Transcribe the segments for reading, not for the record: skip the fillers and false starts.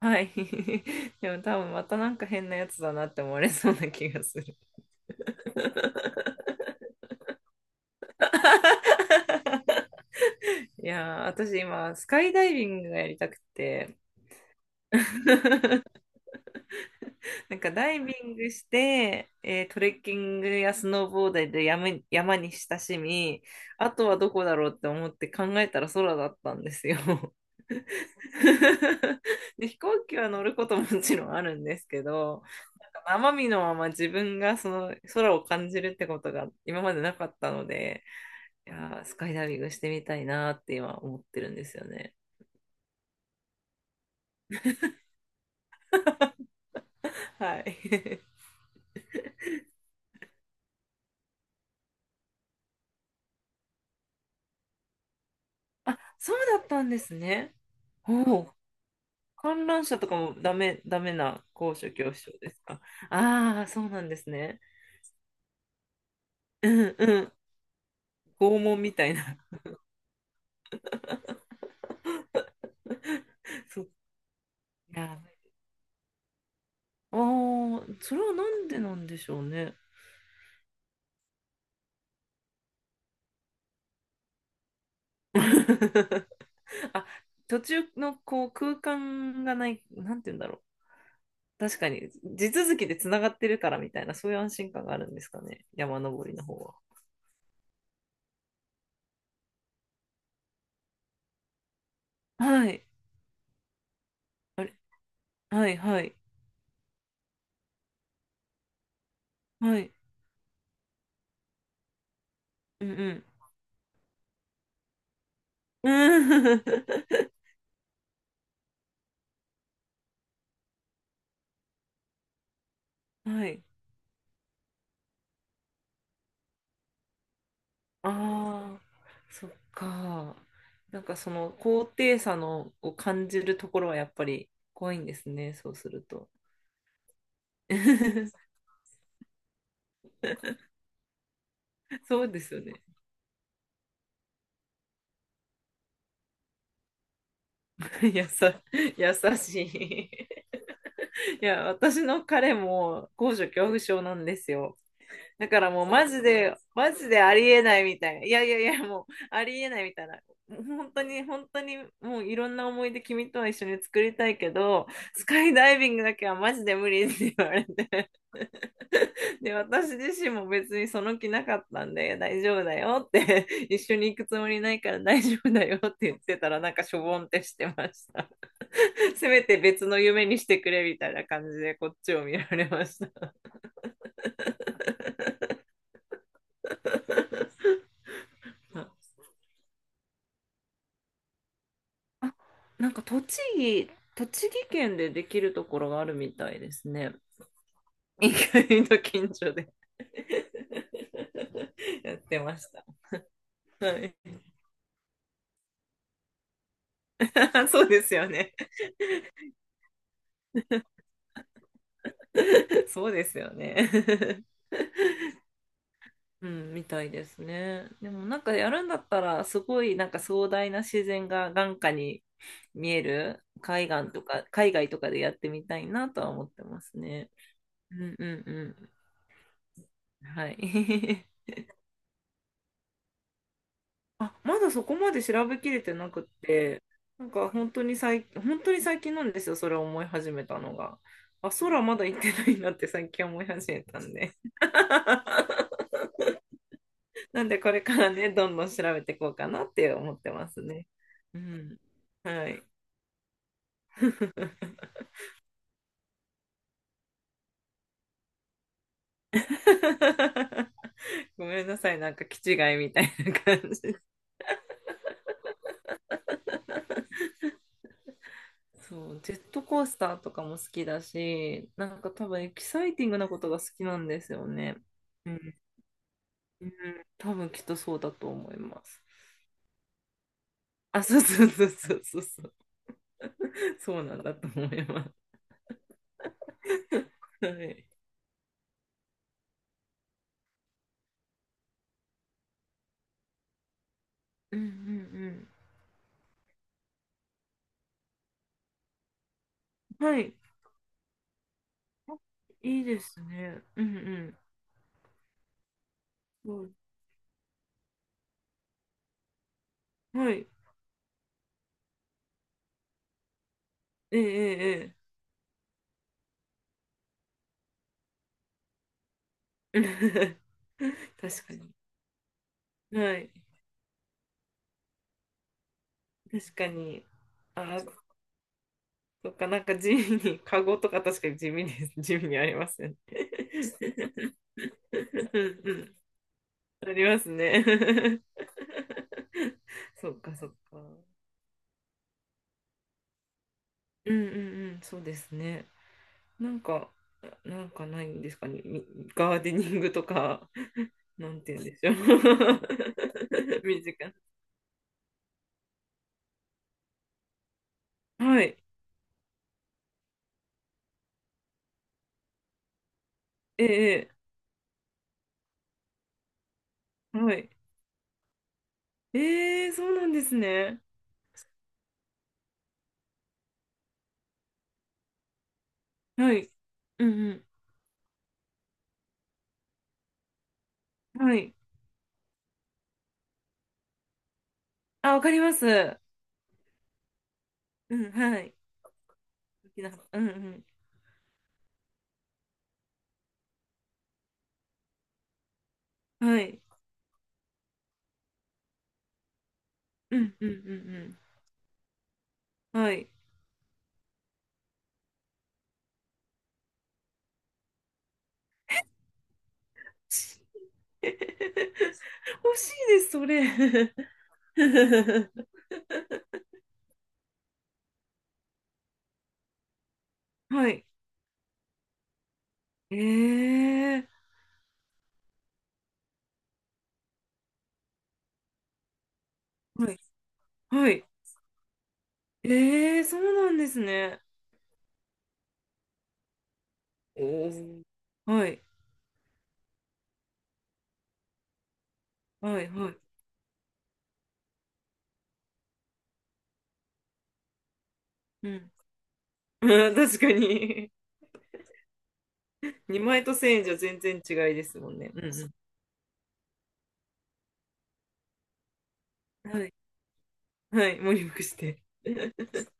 はい。でも多分またなんか変なやつだなって思われそうな気がする。いやー、私今、スカイダイビングがやりたくて、なんかダイビングして、トレッキングやスノーボードで山に親しみ、あとはどこだろうって思って考えたら空だったんですよ。で、飛行機は乗ることももちろんあるんですけど、生身のまま自分がその空を感じるってことが今までなかったので、いやー、スカイダイビングしてみたいなって今思ってるんですよね。はい。あ、そうだったんですね。おお、観覧車とかもダメな高所恐怖症ですか？ああー、そうなんですね。うんうん。拷問みたいな。そう。いやー、ああ、それはなんでなんでしょうね。あ、途中のこう空間がない、なんて言うんだろう。確かに、地続きでつながってるからみたいな、そういう安心感があるんですかね、山登りの方は。はい。あれ、はい、はい、はい。うんうん。うん はい。ああ、そっか。なんかその高低差のを感じるところはやっぱり怖いんですね、そうすると。そうですよね。やさ、優しい。いや、私の彼も高所恐怖症なんですよ。だからもうマジで、マジでありえないみたいな。いやいやいや、もうありえないみたいな。本当に、本当に、もういろんな思い出君とは一緒に作りたいけど、スカイダイビングだけはマジで無理って言われて。で、私自身も別にその気なかったんで、大丈夫だよって、一緒に行くつもりないから大丈夫だよって言ってたら、なんかしょぼんってしてました。せめて別の夢にしてくれみたいな感じで、こっちを見られました。あ、なんか栃木県でできるところがあるみたいですね。意外と近所で やってました。はい。そうですよね。そうですよね。うん、みたいですね。でもなんかやるんだったら、すごいなんか壮大な自然が眼下に見える海岸とか、海外とかでやってみたいなとは思ってますね。うんうんうん。はい。あ、まだそこまで調べきれてなくって、なんか本当に最近、本当に最近なんですよ、それを思い始めたのが。あ、空まだ行ってないなって最近思い始めたんで。なんでこれからね、どんどん調べていこうかなって思ってますね。うん。はい。ごめんなさい、なんか気違いみたいな感じ。そう、ジェットコースターとかも好きだし、なんか多分エキサイティングなことが好きなんですよね。うん、多分きっとそうだと思います。あ、そうそうそうそうそうそう、そうなんだと思います。はい。うんうんうん。はい。いいですね。うんうん。そうはい。ええええ。ええ 確かに。はい。確かに。あ、そっか、なんか地味に、カゴとか確かに地味です。地味にありますよね。うんうん。ありますね。そっかそっか。うんうんうん、そうですね。なんか、なんかないんですかね。ガーデニングとか、なんて言うんでしょう。身近な。はい。ええ、ええはい。ええ、そうなんですね。はい。うんうん。はい。あ、わかります。うん、はい。好きな、うんうん。はい。うんうんうんうん。はい。欲しいです、それ。はい。ええ、はい。はい。ええそうなんですね。おー、はい、はい、はい。うん。うん確かに。2枚と1000円じゃ全然違いですもんね。うんうん。はい、はい、もりリして。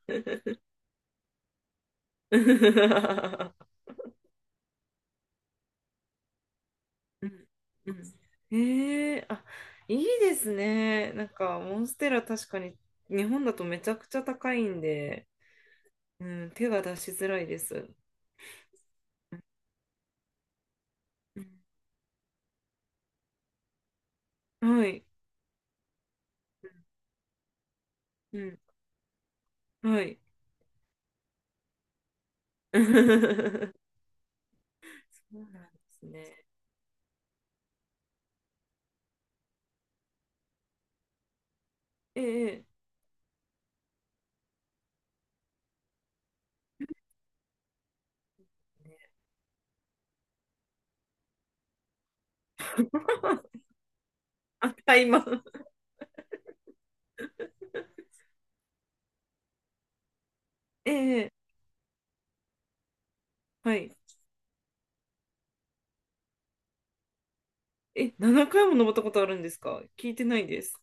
うんうん。ええあ、いいですね。なんか、モンステラ確かに日本だとめちゃくちゃ高いんで、うん、手が出しづらいです。うんうんはい。うん、はい。そうなんですね。ええ、あ、買います。ええ、はい。え、7回も登ったことあるんですか？聞いてないです。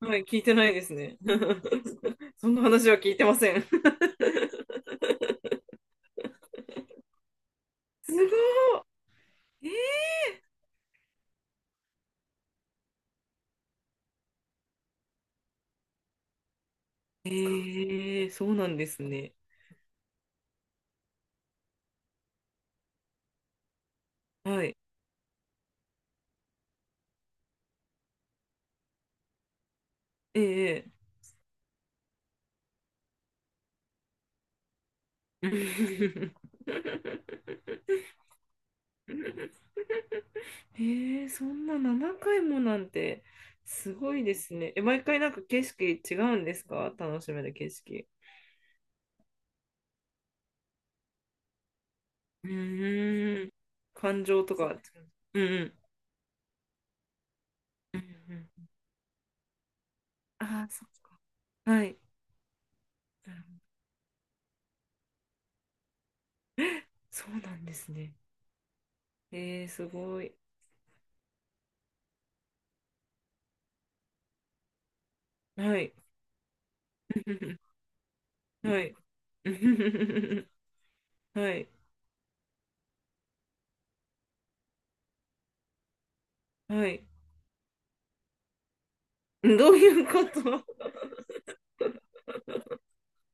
はい、聞いてないですね。そんな話は聞いてません。すごい。ええええそうなんですね。はい。ええええ えそんな7回もなんて、すごいですね。え、毎回なんか景色違うんですか？楽しめる景色？うーん。感情とか。うんうん。うんうん。ああ、そっか。はい。なるほどそうなんですね。えー、すごい。はい。はい。はい。はい。どういうこと？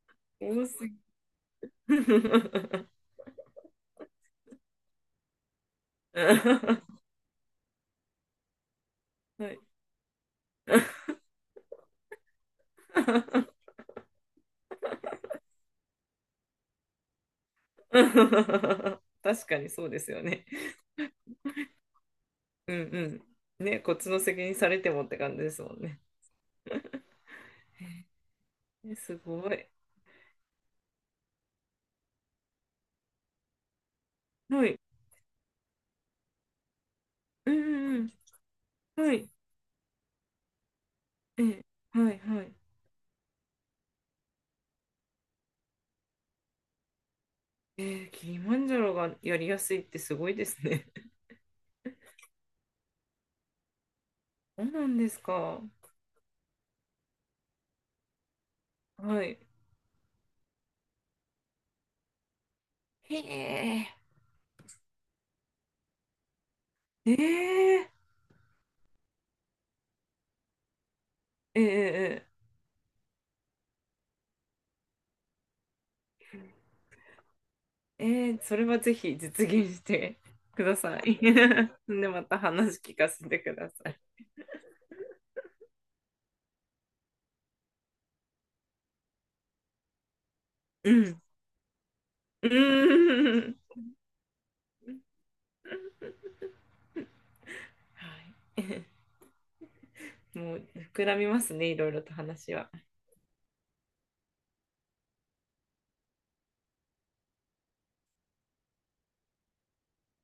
多すぎ。はい。確かにそうですよね。うんうん。ね、こっちの責任されてもって感じですもんね。えすごい。はい。うんうんうん。はい。ええ、はいはい。えー、キリマンジャロがやりやすいってすごいですね。そうなんですか。はい。へえ。ええええええええそれはぜひ実現してください。で、また話聞かせてください。うん。うーん。はい。もう膨らみますね、いろいろと話は。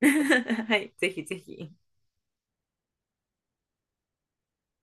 はい、ぜひぜひ。